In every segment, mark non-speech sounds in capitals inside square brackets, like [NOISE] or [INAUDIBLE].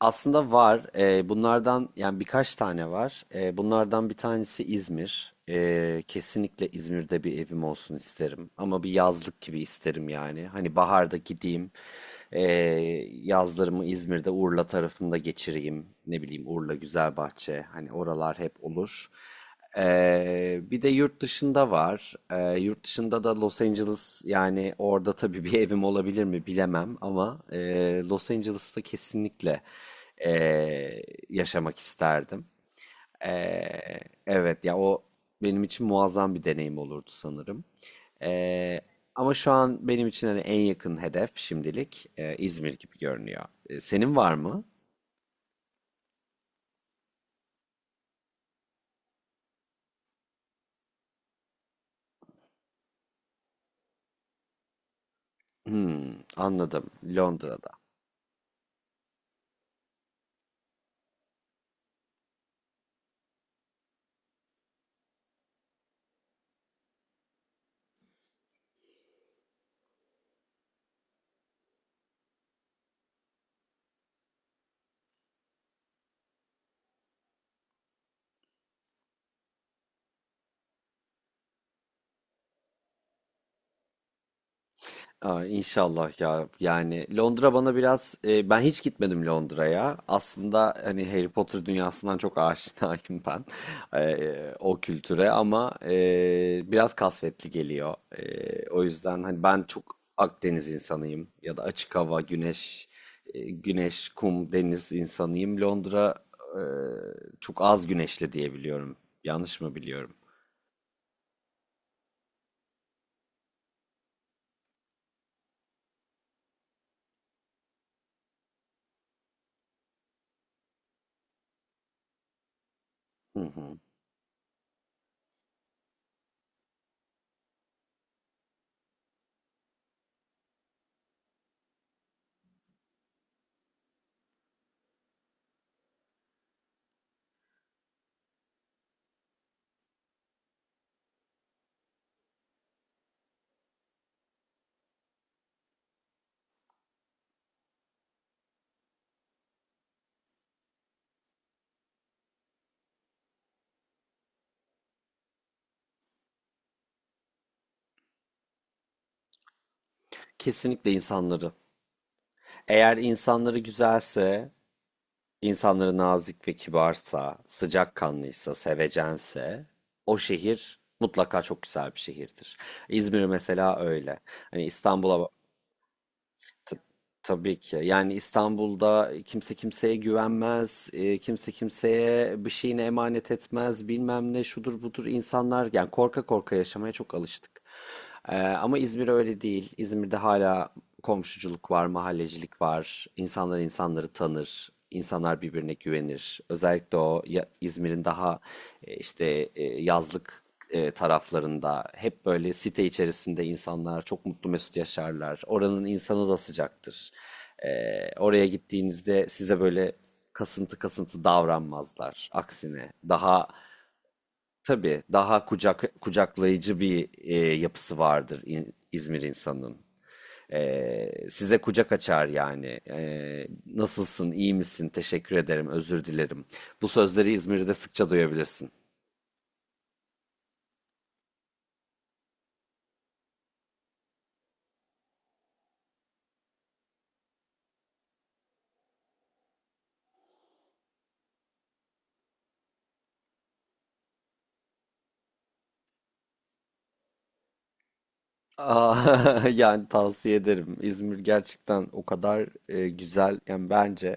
Aslında var. Bunlardan yani birkaç tane var. Bunlardan bir tanesi İzmir. Kesinlikle İzmir'de bir evim olsun isterim. Ama bir yazlık gibi isterim yani. Hani baharda gideyim. Yazlarımı İzmir'de Urla tarafında geçireyim. Ne bileyim Urla, Güzelbahçe. Hani oralar hep olur. Bir de yurt dışında var. Yurt dışında da Los Angeles, yani orada tabii bir evim olabilir mi bilemem ama Los Angeles'ta kesinlikle e, yaşamak isterdim. Ee, evet ya, o benim için muazzam bir deneyim olurdu sanırım. Ee, ama şu an benim için hani en yakın hedef şimdilik İzmir gibi görünüyor. Senin var mı? Hmm, anladım, Londra'da. Aa, inşallah ya. Yani Londra bana biraz ben hiç gitmedim Londra'ya. Aslında hani Harry Potter dünyasından çok aşinayım ben [LAUGHS] o kültüre, ama biraz kasvetli geliyor. O yüzden hani ben çok Akdeniz insanıyım, ya da açık hava, güneş, kum, deniz insanıyım. Londra e, çok az güneşli diye biliyorum. Yanlış mı biliyorum? Hı hı. Kesinlikle insanları. Eğer insanları güzelse, İnsanları nazik ve kibarsa, sıcakkanlıysa, sevecense, o şehir mutlaka çok güzel bir şehirdir. İzmir mesela öyle. Hani İstanbul'a T- Tabii ki. Yani İstanbul'da kimse kimseye güvenmez, kimse kimseye bir şeyini emanet etmez, bilmem ne şudur budur, insanlar yani korka korka yaşamaya çok alıştık. Ama İzmir öyle değil. İzmir'de hala komşuculuk var, mahallecilik var. İnsanlar insanları tanır, insanlar birbirine güvenir. Özellikle İzmir'in daha yazlık taraflarında hep böyle site içerisinde insanlar çok mutlu mesut yaşarlar. Oranın insanı da sıcaktır. E, oraya gittiğinizde size böyle kasıntı kasıntı davranmazlar. Aksine, daha tabii, daha kucak kucaklayıcı bir yapısı vardır İzmir insanının. Size kucak açar yani. Nasılsın, iyi misin, teşekkür ederim, özür dilerim. Bu sözleri İzmir'de sıkça duyabilirsin. Aa, [LAUGHS] yani tavsiye ederim. İzmir gerçekten o kadar güzel. Yani bence,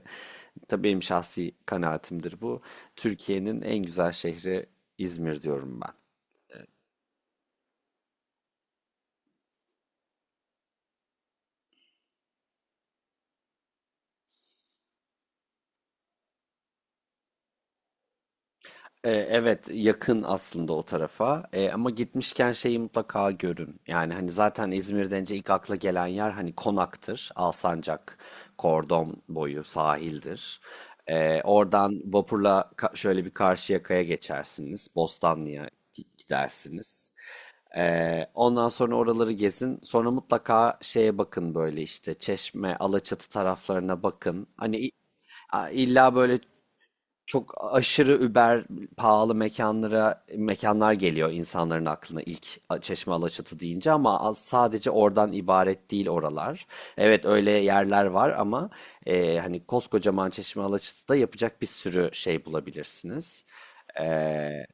tabii benim şahsi kanaatimdir bu, Türkiye'nin en güzel şehri İzmir diyorum ben. Evet, yakın aslında o tarafa. Ama gitmişken şeyi mutlaka görün. Yani hani zaten İzmir denince ilk akla gelen yer hani Konak'tır. Alsancak, Kordon boyu sahildir. Oradan vapurla şöyle bir Karşıyaka'ya geçersiniz. Bostanlı'ya gidersiniz. Ondan sonra oraları gezin. Sonra mutlaka şeye bakın, böyle işte Çeşme, Alaçatı taraflarına bakın. Hani illa böyle çok aşırı über pahalı mekanlara, mekanlar geliyor insanların aklına ilk Çeşme Alaçatı deyince, ama az sadece oradan ibaret değil oralar. Evet, öyle yerler var ama hani koskocaman Çeşme Alaçatı'da yapacak bir sürü şey bulabilirsiniz. E,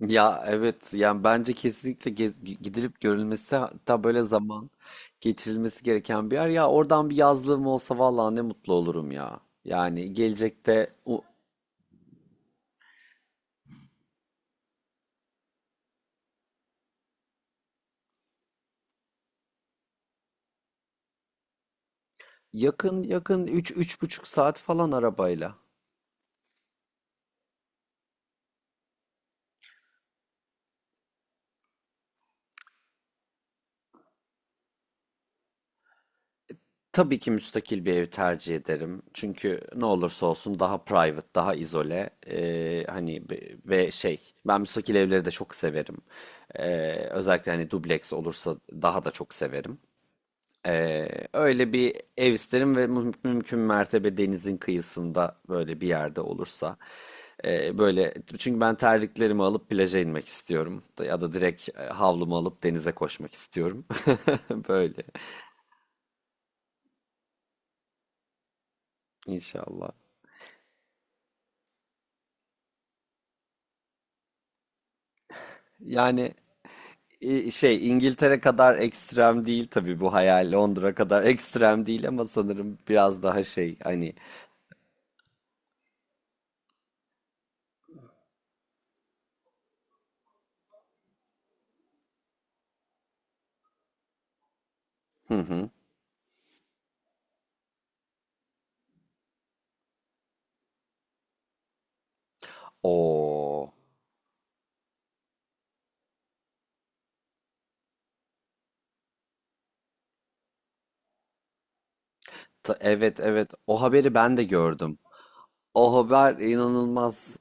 ya evet, yani bence kesinlikle gidilip görülmesi, hatta böyle zaman geçirilmesi gereken bir yer. Ya oradan bir yazlığım olsa, vallahi ne mutlu olurum ya. Yani gelecekte. Yakın, yakın üç, üç buçuk saat falan arabayla. Tabii ki müstakil bir ev tercih ederim. Çünkü ne olursa olsun, daha private, daha izole. Hani ve şey, ben müstakil evleri de çok severim. Özellikle hani dubleks olursa daha da çok severim. Ee, öyle bir ev isterim, ve mümkün mertebe denizin kıyısında böyle bir yerde olursa. Böyle çünkü ben terliklerimi alıp plaja inmek istiyorum. Ya da direkt havlumu alıp denize koşmak istiyorum. [LAUGHS] Böyle inşallah. Yani şey, İngiltere kadar ekstrem değil tabii bu hayal. Londra kadar [LAUGHS] ekstrem değil, ama sanırım biraz daha şey hani. Hı hı. O, evet evet, o haberi ben de gördüm. O haber inanılmaz.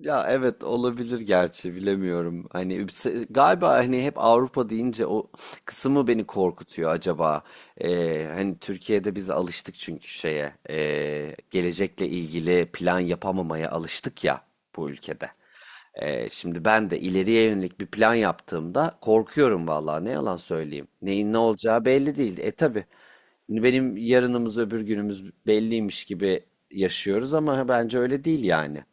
Ya evet, olabilir, gerçi bilemiyorum. Hani galiba hani hep Avrupa deyince o kısmı beni korkutuyor acaba. Hani Türkiye'de biz alıştık çünkü şeye, gelecekle ilgili plan yapamamaya alıştık ya bu ülkede. Şimdi ben de ileriye yönelik bir plan yaptığımda korkuyorum, vallahi ne yalan söyleyeyim. Neyin ne olacağı belli değil. Tabii benim yarınımız öbür günümüz belliymiş gibi yaşıyoruz, ama bence öyle değil yani.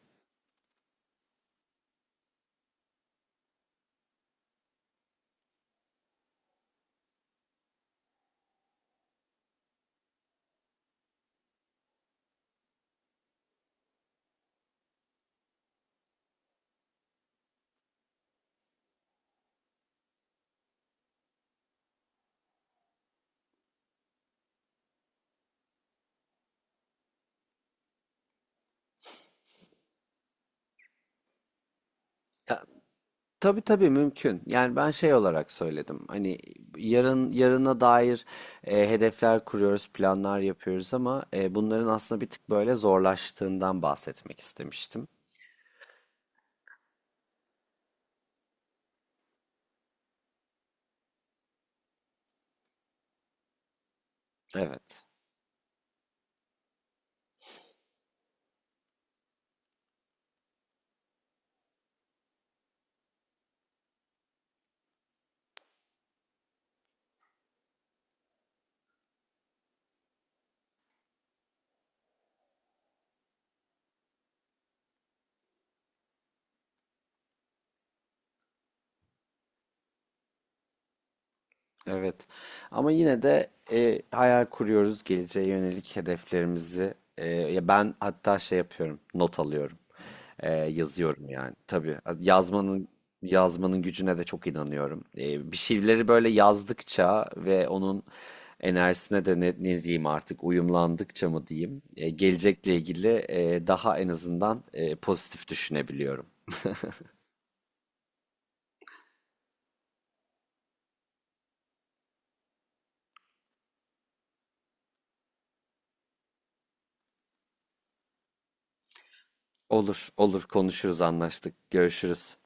Tabii tabii mümkün. Yani ben şey olarak söyledim. Hani yarın, yarına dair hedefler kuruyoruz, planlar yapıyoruz, ama bunların aslında bir tık böyle zorlaştığından bahsetmek istemiştim. Evet. Evet. Ama yine de hayal kuruyoruz geleceğe yönelik hedeflerimizi. Ya ben hatta şey yapıyorum, not alıyorum. Yazıyorum yani. Tabii yazmanın gücüne de çok inanıyorum. Bir şeyleri böyle yazdıkça ve onun enerjisine de, ne, ne diyeyim artık, uyumlandıkça mı diyeyim, gelecekle ilgili daha en azından pozitif düşünebiliyorum. Olur, olur, konuşuruz, anlaştık. Görüşürüz.